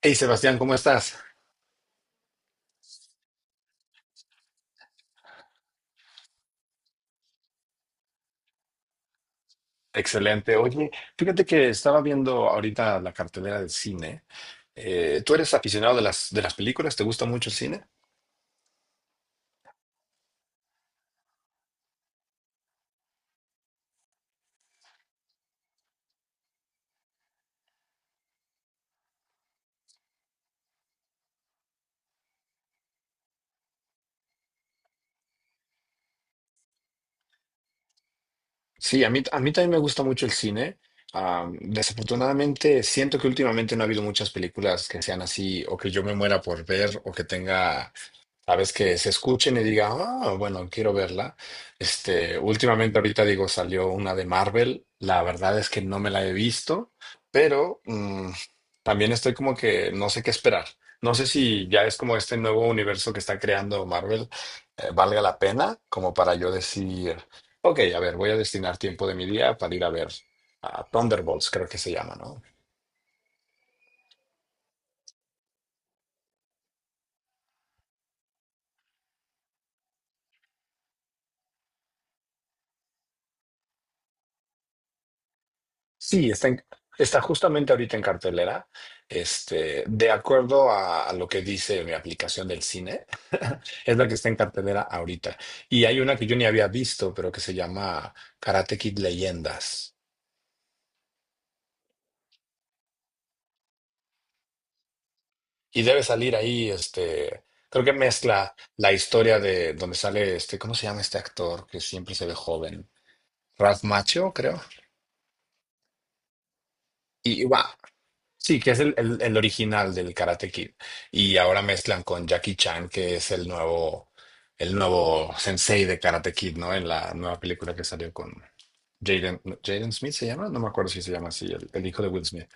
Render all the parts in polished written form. Hey Sebastián, ¿cómo estás? Excelente. Oye, fíjate que estaba viendo ahorita la cartelera del cine. ¿tú eres aficionado de las películas? ¿Te gusta mucho el cine? Sí, a mí también me gusta mucho el cine. Ah, desafortunadamente, siento que últimamente no ha habido muchas películas que sean así, o que yo me muera por ver, o que tenga sabes que se escuchen y diga, ah, bueno, quiero verla. Este, últimamente ahorita digo, salió una de Marvel. La verdad es que no me la he visto, pero también estoy como que no sé qué esperar. No sé si ya es como este nuevo universo que está creando Marvel, valga la pena, como para yo decir, ok, a ver, voy a destinar tiempo de mi día para ir a ver a Thunderbolts, creo que se llama, ¿no? Sí, está. Está justamente ahorita en cartelera. Este, de acuerdo a lo que dice mi aplicación del cine, es la que está en cartelera ahorita. Y hay una que yo ni había visto, pero que se llama Karate Kid Leyendas. Y debe salir ahí, este, creo que mezcla la historia de donde sale este, ¿cómo se llama este actor que siempre se ve joven? Ralph Macchio, creo. Y va. Sí, que es el original del Karate Kid. Y ahora mezclan con Jackie Chan, que es el nuevo sensei de Karate Kid, ¿no? En la nueva película que salió con Jaden Smith se llama, no me acuerdo si se llama así, el hijo de Will Smith.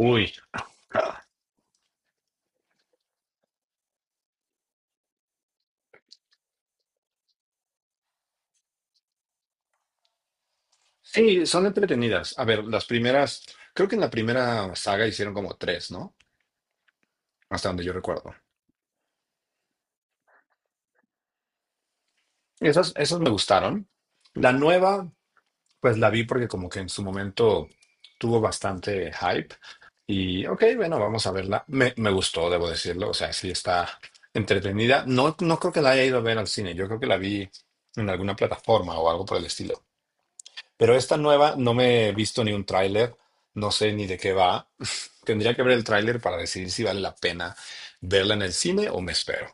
Uy. Ah. Sí, son entretenidas. A ver, las primeras, creo que en la primera saga hicieron como tres, ¿no? Hasta donde yo recuerdo. Esas me gustaron. La nueva. Pues la vi porque como que en su momento tuvo bastante hype y ok, bueno, vamos a verla. Me gustó, debo decirlo, o sea, sí está entretenida. No, no creo que la haya ido a ver al cine, yo creo que la vi en alguna plataforma o algo por el estilo. Pero esta nueva no me he visto ni un tráiler, no sé ni de qué va. Tendría que ver el tráiler para decidir si vale la pena verla en el cine o me espero.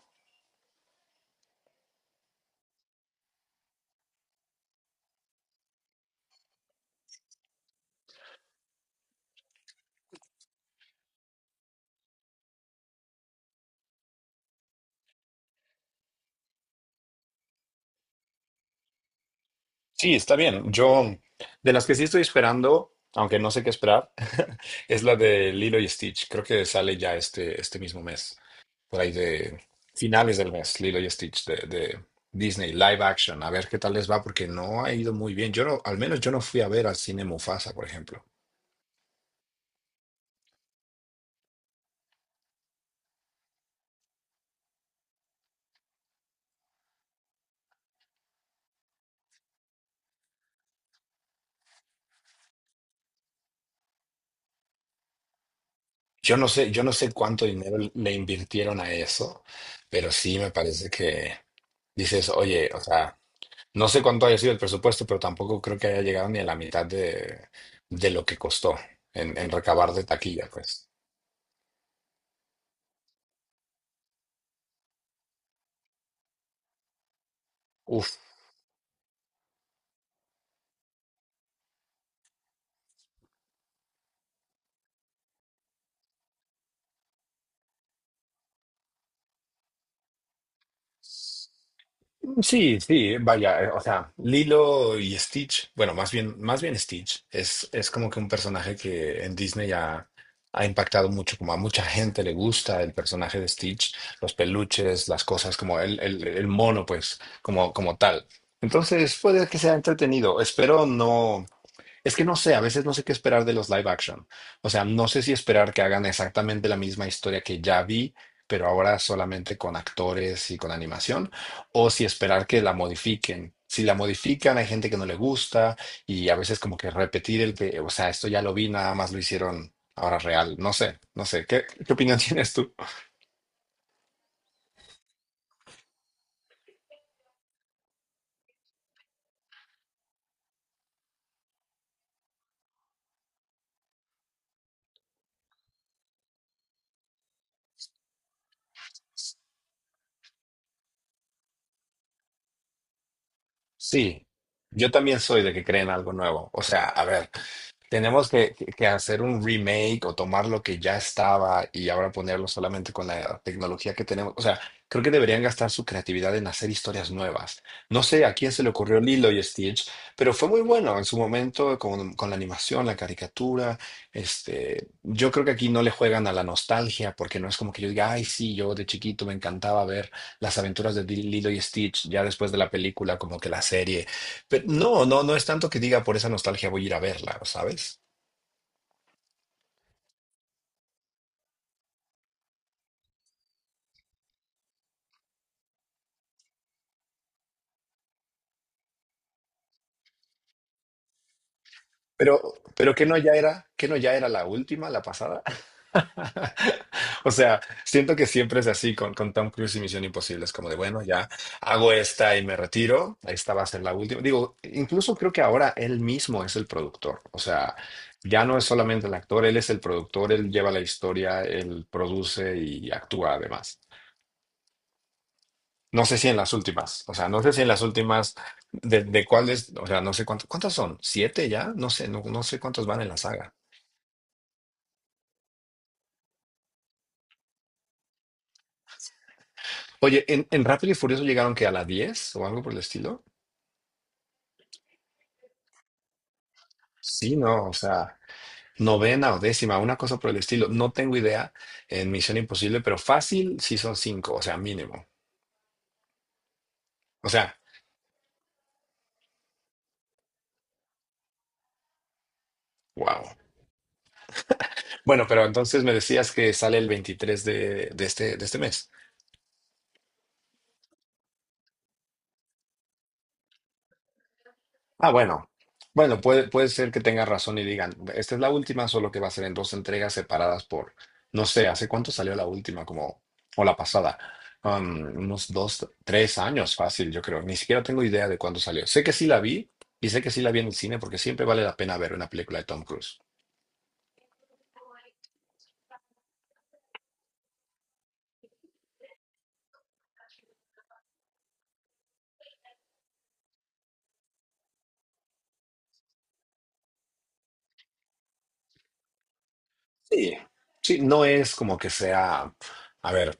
Sí, está bien. Yo, de las que sí estoy esperando, aunque no sé qué esperar, es la de Lilo y Stitch. Creo que sale ya este mismo mes, por ahí de finales del mes, Lilo y Stitch de Disney, live action. A ver qué tal les va, porque no ha ido muy bien. Yo no, al menos yo no fui a ver al cine Mufasa, por ejemplo. Yo no sé cuánto dinero le invirtieron a eso, pero sí me parece que dices, oye, o sea. No sé cuánto haya sido el presupuesto, pero tampoco creo que haya llegado ni a la mitad de lo que costó en recabar de taquilla, pues. Uf, sí, sí, vaya, o sea, Lilo y Stitch, bueno, más bien Stitch, es como que un personaje que en Disney ha impactado mucho, como a mucha gente le gusta el personaje de Stitch, los peluches, las cosas, como el mono, pues, como tal. Entonces, puede que sea entretenido. Espero no. Es que no sé, a veces no sé qué esperar de los live action. O sea, no sé si esperar que hagan exactamente la misma historia que ya vi, pero ahora solamente con actores y con animación, o si esperar que la modifiquen. Si la modifican, hay gente que no le gusta y a veces como que repetir el que, o sea, esto ya lo vi, nada más lo hicieron ahora real. No sé, no sé. ¿Qué opinión tienes tú? Sí, yo también soy de que creen algo nuevo. O sea, a ver. Tenemos que hacer un remake o tomar lo que ya estaba y ahora ponerlo solamente con la tecnología que tenemos. O sea, creo que deberían gastar su creatividad en hacer historias nuevas. No sé a quién se le ocurrió Lilo y Stitch, pero fue muy bueno en su momento con la animación, la caricatura. Este, yo creo que aquí no le juegan a la nostalgia porque no es como que yo diga, ay, sí, yo de chiquito me encantaba ver las aventuras de Lilo y Stitch ya después de la película, como que la serie. Pero no, no, no es tanto que diga por esa nostalgia voy a ir a verla, ¿sabes? Pero, pero que no ya era la última, la pasada. O sea, siento que siempre es así con Tom Cruise y Misión Imposible. Es como de, bueno, ya hago esta y me retiro. Esta va a ser la última. Digo, incluso creo que ahora él mismo es el productor. O sea, ya no es solamente el actor, él es el productor, él lleva la historia, él produce y actúa además. No sé si en las últimas, o sea, no sé si en las últimas de cuáles, o sea, no sé cuántos, ¿cuántas son? ¿Siete ya? No sé, no, no sé cuántos van en la saga. Oye, ¿en Rápido y Furioso llegaron que a la 10 o algo por el estilo? Sí, no, o sea, novena o décima, una cosa por el estilo. No tengo idea en Misión Imposible, pero fácil sí son cinco, o sea, mínimo. O sea, wow. Bueno, pero entonces me decías que sale el 23 de este mes. Ah, bueno. Bueno, puede ser que tenga razón y digan, esta es la última, solo que va a ser en dos entregas separadas por, no sé, ¿hace cuánto salió la última? Como, o la pasada. Unos 2, 3 años fácil, yo creo. Ni siquiera tengo idea de cuándo salió. Sé que sí la vi y sé que sí la vi en el cine porque siempre vale la pena ver una película de Tom Cruise. Sí. Sí, no es como que sea, a ver.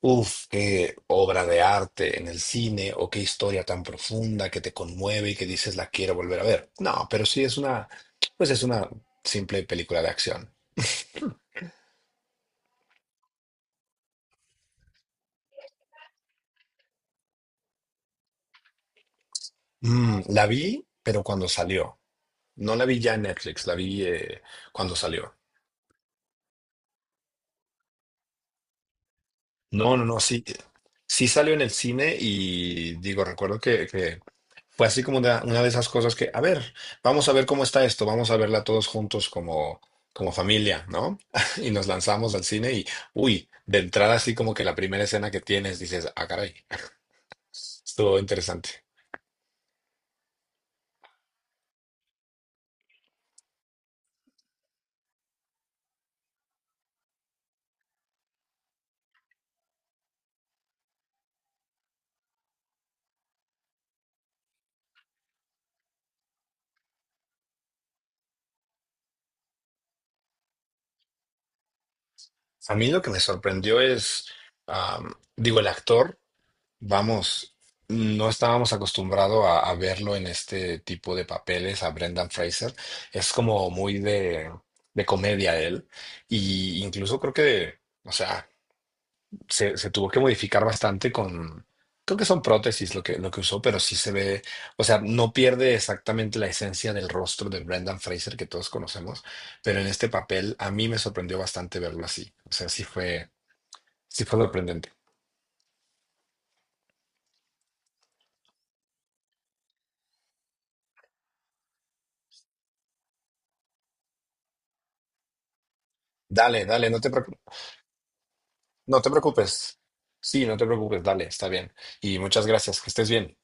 Uf, qué obra de arte en el cine o qué historia tan profunda que te conmueve y que dices la quiero volver a ver. No, pero sí es una, pues es una simple película de acción. Mm, la vi, pero cuando salió. No la vi ya en Netflix, la vi cuando salió. No, no, no, sí, sí salió en el cine y digo, recuerdo que fue así como una de esas cosas que, a ver, vamos a ver cómo está esto, vamos a verla todos juntos como familia, ¿no? Y nos lanzamos al cine y, uy, de entrada así como que la primera escena que tienes dices, ah, caray, estuvo interesante. A mí lo que me sorprendió es, digo, el actor, vamos, no estábamos acostumbrados a verlo en este tipo de papeles, a Brendan Fraser, es como muy de comedia él, y incluso creo que... O sea, se tuvo que modificar bastante con, creo que son prótesis lo que usó, pero sí se ve, o sea, no pierde exactamente la esencia del rostro de Brendan Fraser que todos conocemos, pero en este papel a mí me sorprendió bastante verlo así. O sea, sí fue sorprendente. Dale, dale, no te preocupes, no te preocupes. Sí, no te preocupes, dale, está bien. Y muchas gracias, que estés bien.